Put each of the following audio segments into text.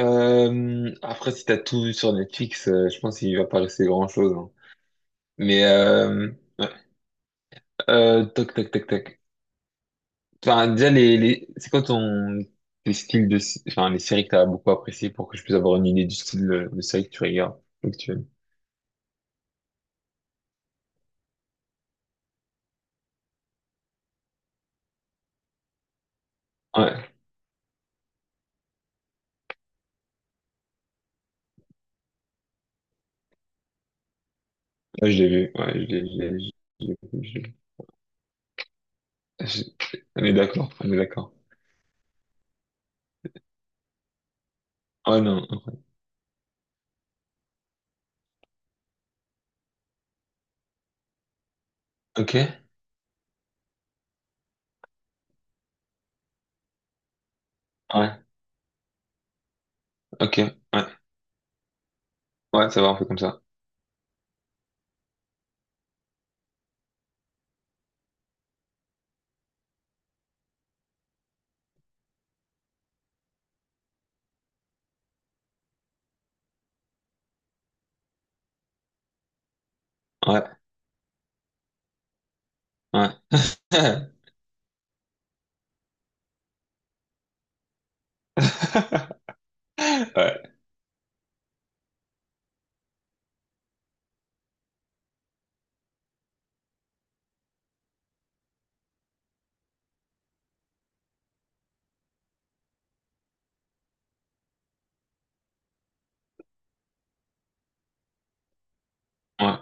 Après, si t'as tout vu sur Netflix, je pense qu'il va pas rester grand-chose, hein. Mais ouais. Euh, toc, toc, toc, toc. Enfin, déjà, les... c'est quoi ton les styles de, enfin, les séries que t'as beaucoup appréciées pour que je puisse avoir une idée du style de série que tu regardes ou que tu aimes. Ouais, ouais, je l'ai vu. Ouais, je l'ai, je l'ai, je l'ai- je l'ai- je on est d'accord, on est d'accord. Oh non. Ok. Ouais. Ok. Ouais. Ouais, ça va, on fait comme ça. Ouais. Ouais. Ouais. Ouais.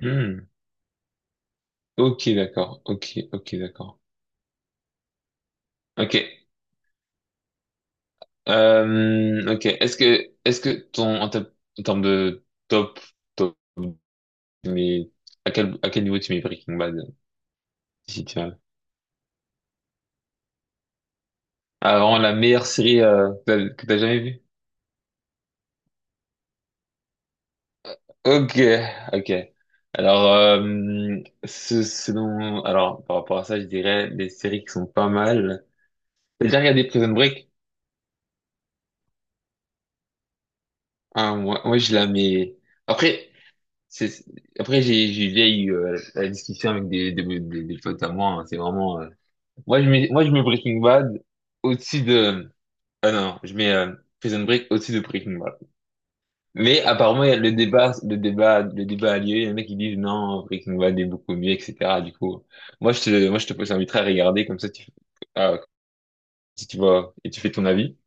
Hmm. Ok, d'accord. Ok, ok, d'accord. Ok. Ok. Est-ce que en termes de top, top, mais à quel niveau tu mets Breaking Bad, si tu as, ah, vraiment la meilleure série que t'as jamais vue? Ok, ok. Alors, ce, selon, alors par rapport à ça, je dirais des séries qui sont pas mal. T'as déjà regardé Prison Break? Ah, moi, je la mets. Après, c'est, c'est- après, j'ai déjà eu la discussion avec des potes à moi, hein. C'est vraiment, moi, je mets Breaking Bad au-dessus de. Ah non, je mets Prison Break au-dessus de Breaking Bad. Mais apparemment, il y a le débat a lieu. Il y en a qui disent non, Breaking Bad est beaucoup mieux, etc. Du coup, moi, je te t'inviterai à regarder comme ça, tu, ah, si tu vois et tu fais ton avis.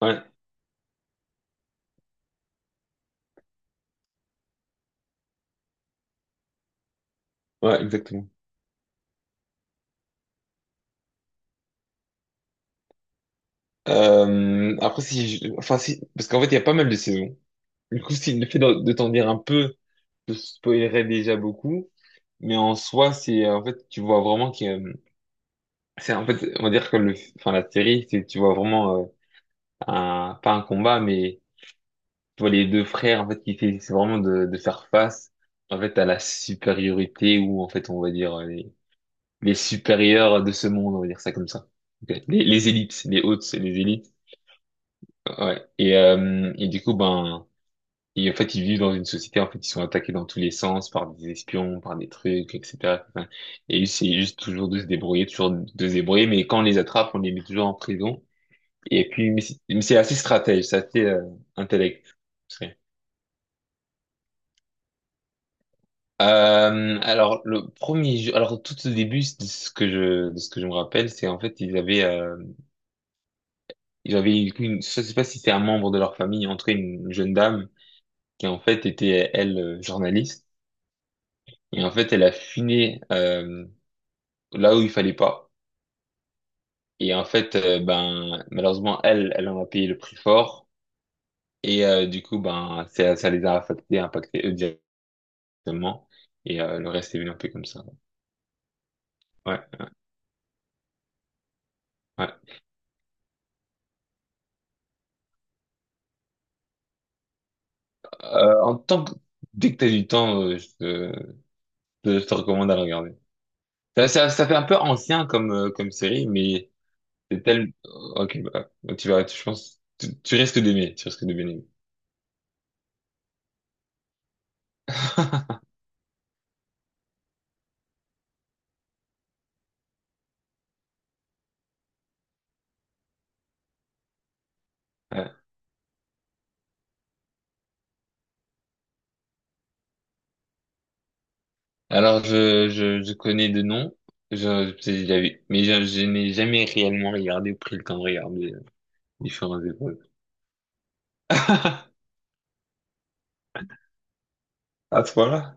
Ouais, ouais, exactement. Après, si, je- enfin, si, parce qu'en fait, il y a pas mal de saisons. Du coup, si le fait de t'en dire un peu te spoilerais déjà beaucoup, mais en soi, c'est en fait, tu vois vraiment que c'est en fait, on va dire que le, enfin la série, c'est tu vois vraiment un pas un combat, mais tu vois les deux frères en fait qui fait, c'est vraiment de faire face en fait à la supériorité ou en fait on va dire les supérieurs de ce monde, on va dire ça comme ça. Ok. Les élites, les hautes, les élites. Ouais. Et du coup ben et en fait, ils vivent dans une société, en fait, ils sont attaqués dans tous les sens par des espions, par des trucs, etc. Enfin, et c'est juste toujours de se débrouiller, toujours de se débrouiller, mais quand on les attrape, on les met toujours en prison. Et puis, mais c'est assez stratège, c'est assez intellect. C'est- alors, le premier jeu, alors tout au début de ce que je, de ce que je me rappelle, c'est en fait, ils avaient une, je sais pas si c'était un membre de leur famille, en tout cas une jeune dame qui en fait était, elle, journaliste. Et en fait, elle a fini là où il fallait pas. Et en fait, ben malheureusement, elle, elle en a payé le prix fort. Et du coup, ben ça les a affectés, impactés eux directement. Et le reste est venu un peu comme ça. Ouais, ouais. En tant que dès que t'as du temps, je te recommande à le regarder. Ça fait un peu ancien comme comme série, mais c'est tel. Ok, bah, tu vas, tu, je pense, tu risques d'aimer, tu risques de bien aimer. Alors, je connais de noms, mais je n'ai jamais réellement regardé ou pris le temps de regarder différentes épreuves. À ce point-là?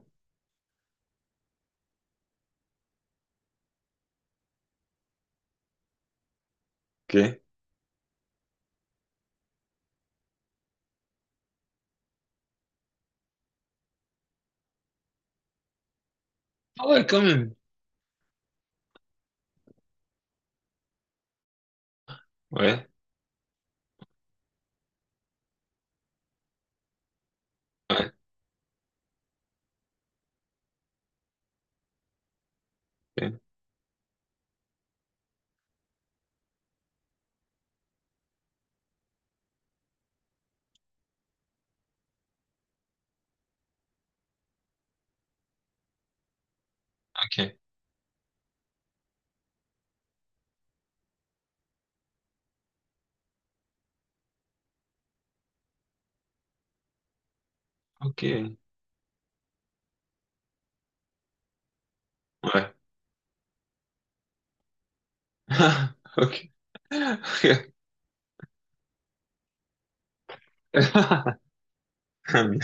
Ok. Ah ouais, quand même. Ouais, ouais, ok, ok, ok, ouais. Ok. Ok.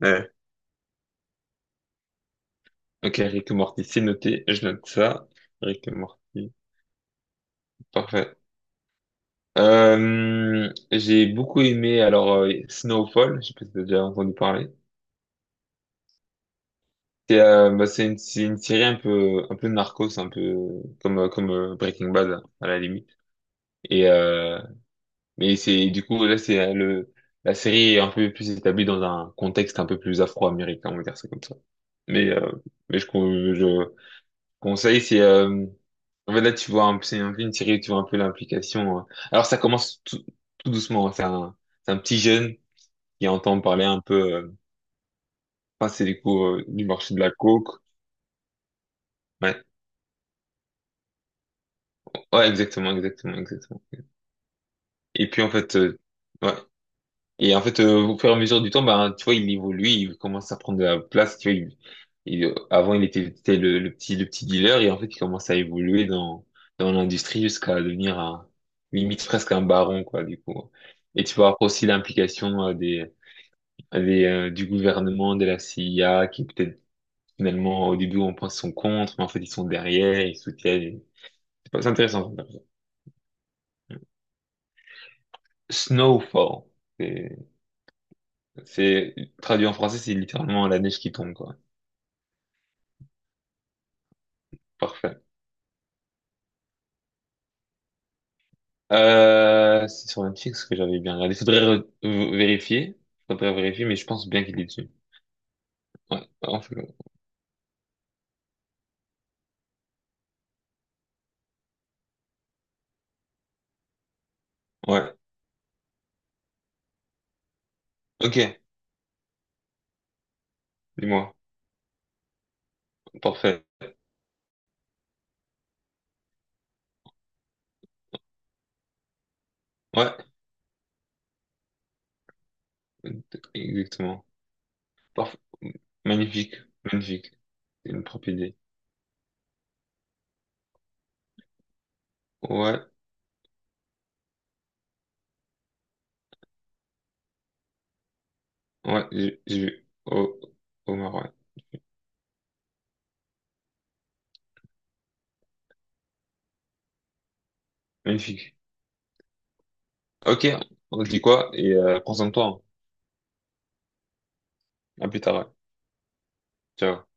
Ouais. Ok, Rick et Morty, c'est noté, je note ça. Rick et Morty, parfait. J'ai beaucoup aimé alors Snowfall, je sais pas si t'as déjà entendu parler. C'est bah, c'est une série un peu narcos un peu comme comme Breaking Bad à la limite et mais c'est du coup là c'est le la série est un peu plus établie dans un contexte un peu plus afro-américain on va dire ça comme ça mais euh, mais je conseille c'est en fait là tu vois un peu- c'est un peu une série où tu vois un peu l'implication. Alors ça commence tout, tout doucement hein. C'est un c'est un petit jeune qui entend parler un peu enfin c'est du coup du marché de la coke. Ouais, ouais, exactement, exactement, exactement. Et puis en fait, ouais. Et en fait, au fur et à mesure du temps, ben, tu vois, il évolue, il commence à prendre de la place. Tu vois, avant, il était, c'était le petit dealer, et en fait, il commence à évoluer dans, dans l'industrie jusqu'à devenir un, limite presque un baron, quoi, du coup. Et tu vas avoir aussi l'implication des, du gouvernement, de la CIA, qui peut-être finalement, au début, on pense qu'ils sont contre, mais en fait, ils sont derrière, ils soutiennent. C'est pas- c'est intéressant. Snowfall. C'est traduit en français, c'est littéralement la neige qui tombe, quoi. Parfait. C'est sur Netflix que j'avais bien regardé. Vérifier. Faudrait vérifier, mais je pense bien qu'il est dessus. Ouais. Ouais. Ok. Dis-moi. Parfait. Ouais. Exactement. Parfait. Magnifique. Magnifique. C'est une propre idée. Ouais. Ouais. J'ai vu. Au, au Maroc. Magnifique. Ok. On se dit quoi? Et prends soin de toi, hein. À plus tard, ouais. Ciao.